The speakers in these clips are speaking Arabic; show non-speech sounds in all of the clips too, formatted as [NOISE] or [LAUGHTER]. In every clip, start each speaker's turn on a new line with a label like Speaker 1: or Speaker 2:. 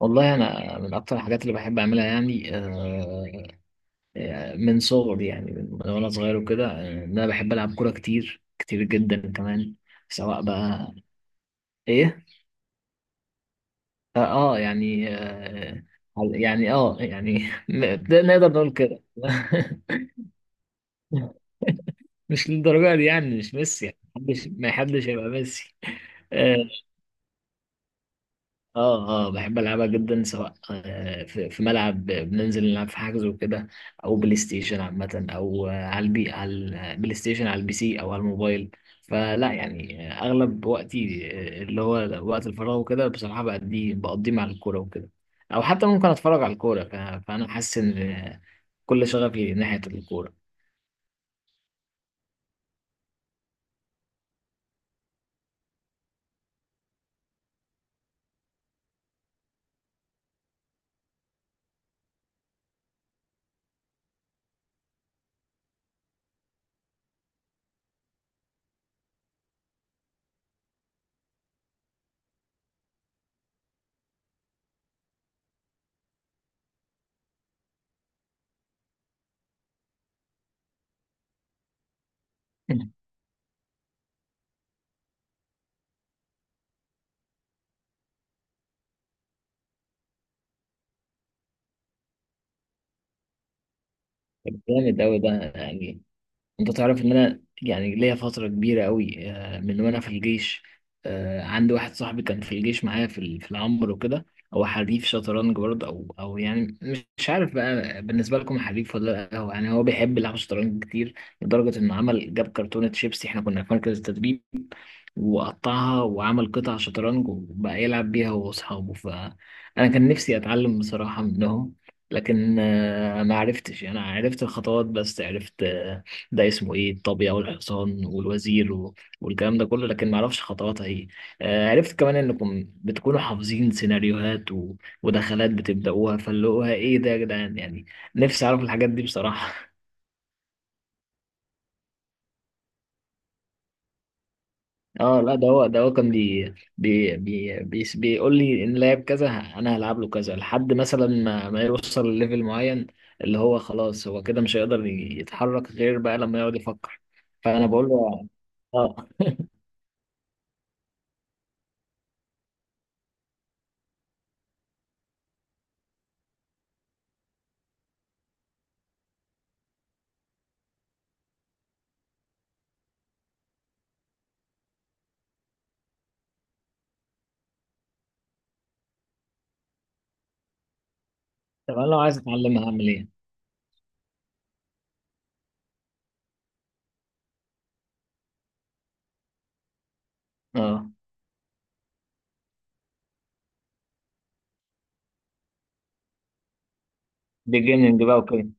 Speaker 1: والله انا من اكتر الحاجات اللي بحب اعملها يعني من صغري يعني من وانا صغير وكده ان انا بحب العب كوره كتير كتير جدا كمان سواء بقى ايه يعني يعني يعني. [LAUGHS] ده نقدر نقول كده. [LAUGHS] مش للدرجه دي يعني مش ميسي يعني ما حدش هيبقى ميسي. آه، اه بحب العبها جدا سواء في ملعب بننزل نلعب في حجز وكده، او بلاي ستيشن عامه، او على البلاي ستيشن، على البي سي، او على الموبايل. فلا يعني اغلب وقتي اللي هو وقت الفراغ وكده بصراحه بقضيه مع الكوره وكده، او حتى ممكن اتفرج على الكوره فانا حاسس ان كل شغفي ناحيه الكوره. [LAUGHS] جامد أوي ده. يعني انت تعرف ان انا يعني ليا فترة كبيرة قوي من وانا في الجيش. عندي واحد صاحبي كان في الجيش معايا في العنبر وكده، هو حريف شطرنج برضه او يعني مش عارف بقى بالنسبة لكم حريف ولا لا، هو يعني هو بيحب يلعب شطرنج كتير، لدرجة انه جاب كرتونة شيبسي، احنا كنا في مركز التدريب وقطعها وعمل قطع شطرنج وبقى يلعب بيها هو وأصحابه. فأنا كان نفسي أتعلم بصراحة منهم، لكن ما عرفتش يعني. أنا عرفت الخطوات بس، عرفت ده اسمه إيه، الطابية والحصان والوزير والكلام ده كله، لكن ما أعرفش خطواتها إيه. عرفت كمان إنكم بتكونوا حافظين سيناريوهات ودخلات بتبدأوها، فاللي هو إيه ده يا جدعان، يعني نفسي أعرف الحاجات دي بصراحة. [LAUGHS] اه لا، ده هو كان بي بي بي بي بيقول لي ان لعب كذا انا هلعب له كذا، لحد مثلا ما يوصل لليفل معين اللي هو خلاص هو كده مش هيقدر يتحرك غير بقى لما يقعد يفكر. فانا بقول له اه. [LAUGHS] طب انا لو عايز اتعلمها هعمل ايه؟ اه. بيجيننج بقى وكده.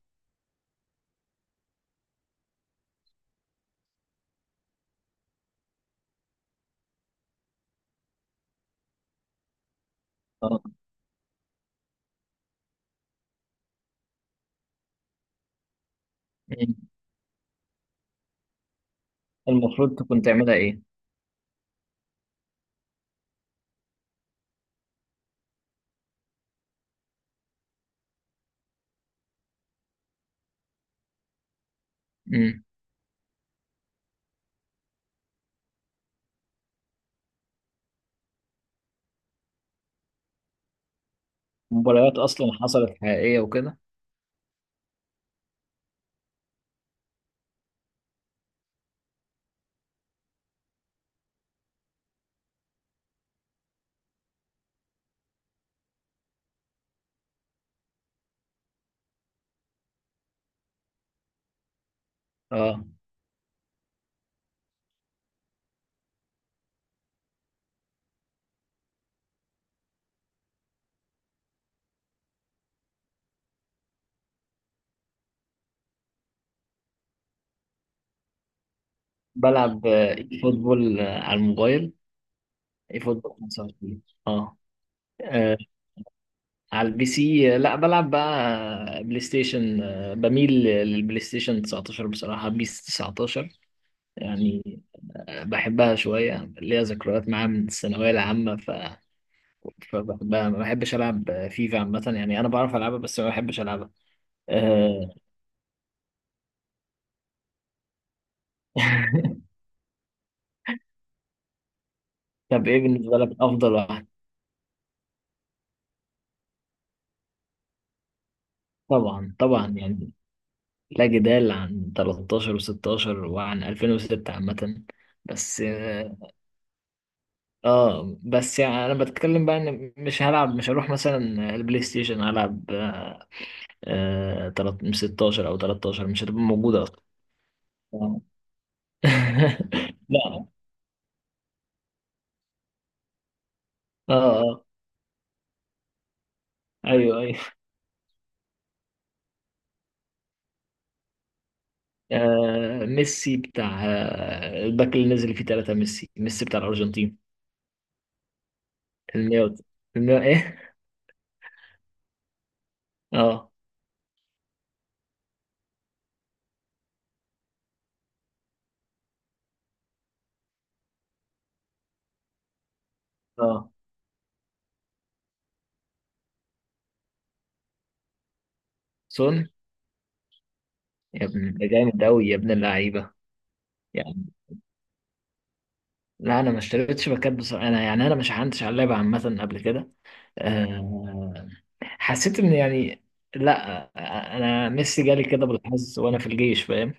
Speaker 1: اه. مم. المفروض تكون تعملها ايه؟ مم. مباريات اصلا حصلت حقيقية وكده. اه. بلعب فوتبول على الموبايل. ايه فوتبول 25. اه. على البي سي لا، بلعب بقى بلاي ستيشن بميل للبلاي ستيشن 19 بصراحة، بيس 19 يعني. بحبها شوية، ليها ذكريات معاها من الثانوية العامة، فبحبها. ما بحبش ألعب فيفا عامة يعني، أنا بعرف ألعبها بس ما بحبش ألعبها. أه... [LAUGHS] طب إيه بالنسبة لك أفضل واحد؟ طبعا طبعا يعني، لا جدال عن 13 و16 وعن 2006 عامة. بس اه، بس يعني انا بتكلم بقى ان مش هروح مثلا البلاي ستيشن هلعب آه آه، تلات- 16 او 13، مش هتبقى موجودة اصلا. آه. [LAUGHS] لا. اه اه ايوه ايوه. ميسي، بتاع الباك اللي نزل فيه ثلاثة ميسي، ميسي بتاع الارجنتين. المية؟ المية ايه؟ اه. اه. سون. يا ابن ده جامد قوي يا ابن اللعيبة. يعني لا، انا ما اشتريتش باكات بصراحة، انا يعني انا مش عندش على اللعبة عامة قبل كده. آه حسيت ان يعني لا. انا ميسي جالي كده بالحظ وانا في الجيش، فاهم؟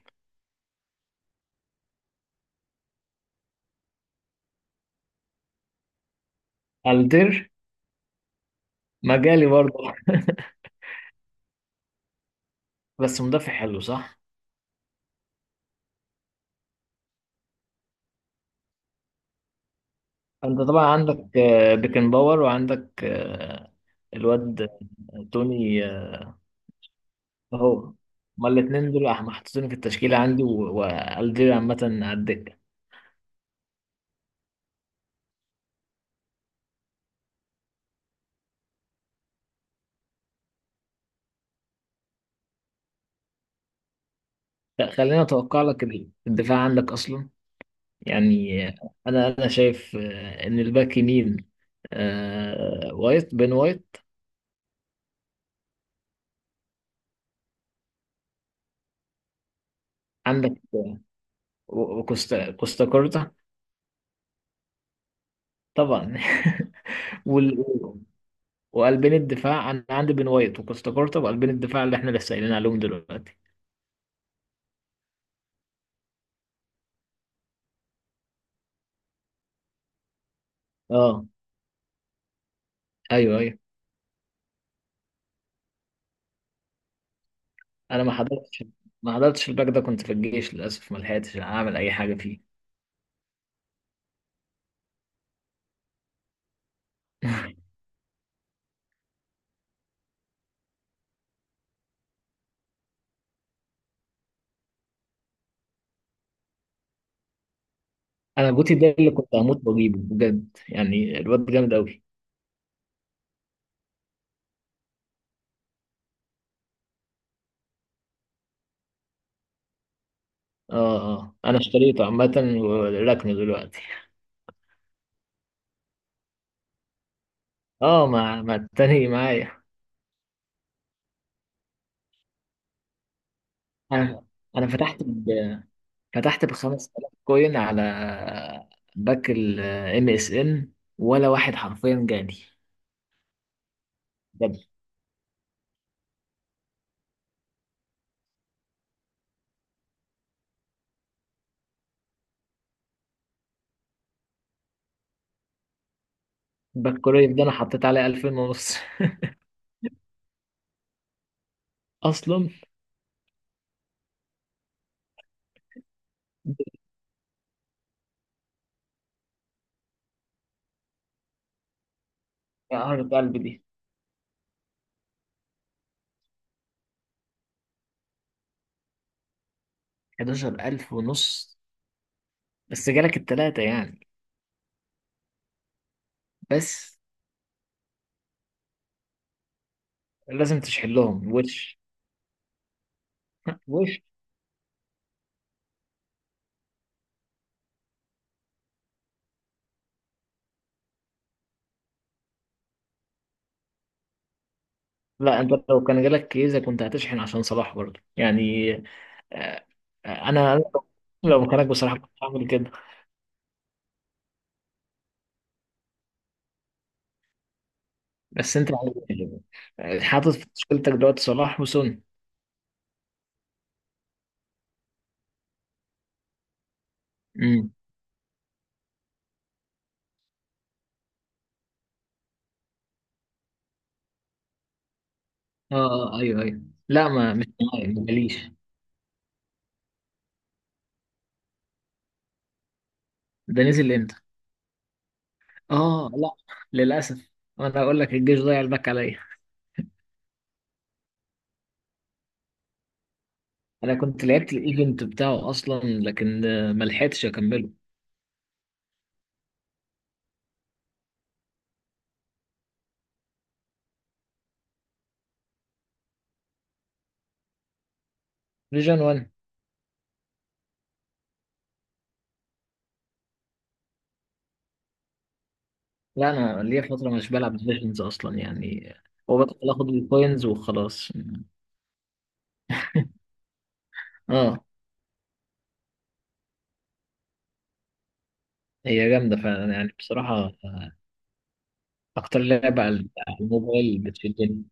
Speaker 1: الدير ما جالي برضه. [LAUGHS] بس مدافع حلو، صح؟ انت طبعا عندك بيكن باور، وعندك الواد توني. اهو. هما الاتنين دول محطوطين في التشكيلة عندي، والدير عامة على الدكة. لا، خليني اتوقع لك الدفاع عندك اصلا. يعني انا شايف ان الباك يمين بين وايت عندك، وكوستا كوستاكورتا طبعا. [LAUGHS] وال... وقلبين الدفاع انا عندي بين وايت وكوستاكورتا، وقلبين الدفاع اللي احنا لسه قايلين عليهم دلوقتي. اه ايوه ايوه. انا ما حضرتش الباك ده، كنت في الجيش للاسف، ما لحقتش اعمل اي حاجه فيه. [LAUGHS] انا جوتي ده اللي كنت هموت واجيبه بجد، يعني الواد جامد قوي. اه اه، انا اشتريته عامه وركنه دلوقتي. اه، مع التاني معايا. انا انا فتحت ب 5000 كوين على باك الام اس ان، ولا واحد حرفيا جالي بجد. باك كورير ده انا حطيت عليه 2000 ونص. [LAUGHS] اصلا، يا عارف قلبي دي. 11000 ونص؟ بس جالك التلاتة يعني؟ بس لازم تشحن لهم، وش. [LAUGHS] وش. لا، انت لو كان جالك كيزة كنت هتشحن عشان صلاح برضه يعني. آه، انا لو مكانك بصراحة كنت هعمل كده. بس انت حاطط في مشكلتك دلوقتي صلاح وسون. اه ايوه ايوه. لا، ما مش معايا، ما جاليش. ده نزل امتى؟ اه لا، للاسف. انا اقول لك الجيش ضيع الباك عليا. انا كنت لعبت الايفنت بتاعه اصلا لكن ما لحقتش اكمله. فيجن 1. لا، انا ليا فتره مش بلعب فيجنز اصلا يعني. هو بدخل اخد الكوينز وخلاص. اه، هي جامده فعلا يعني بصراحه. آه، اكتر لعبه على الموبايل بتشدني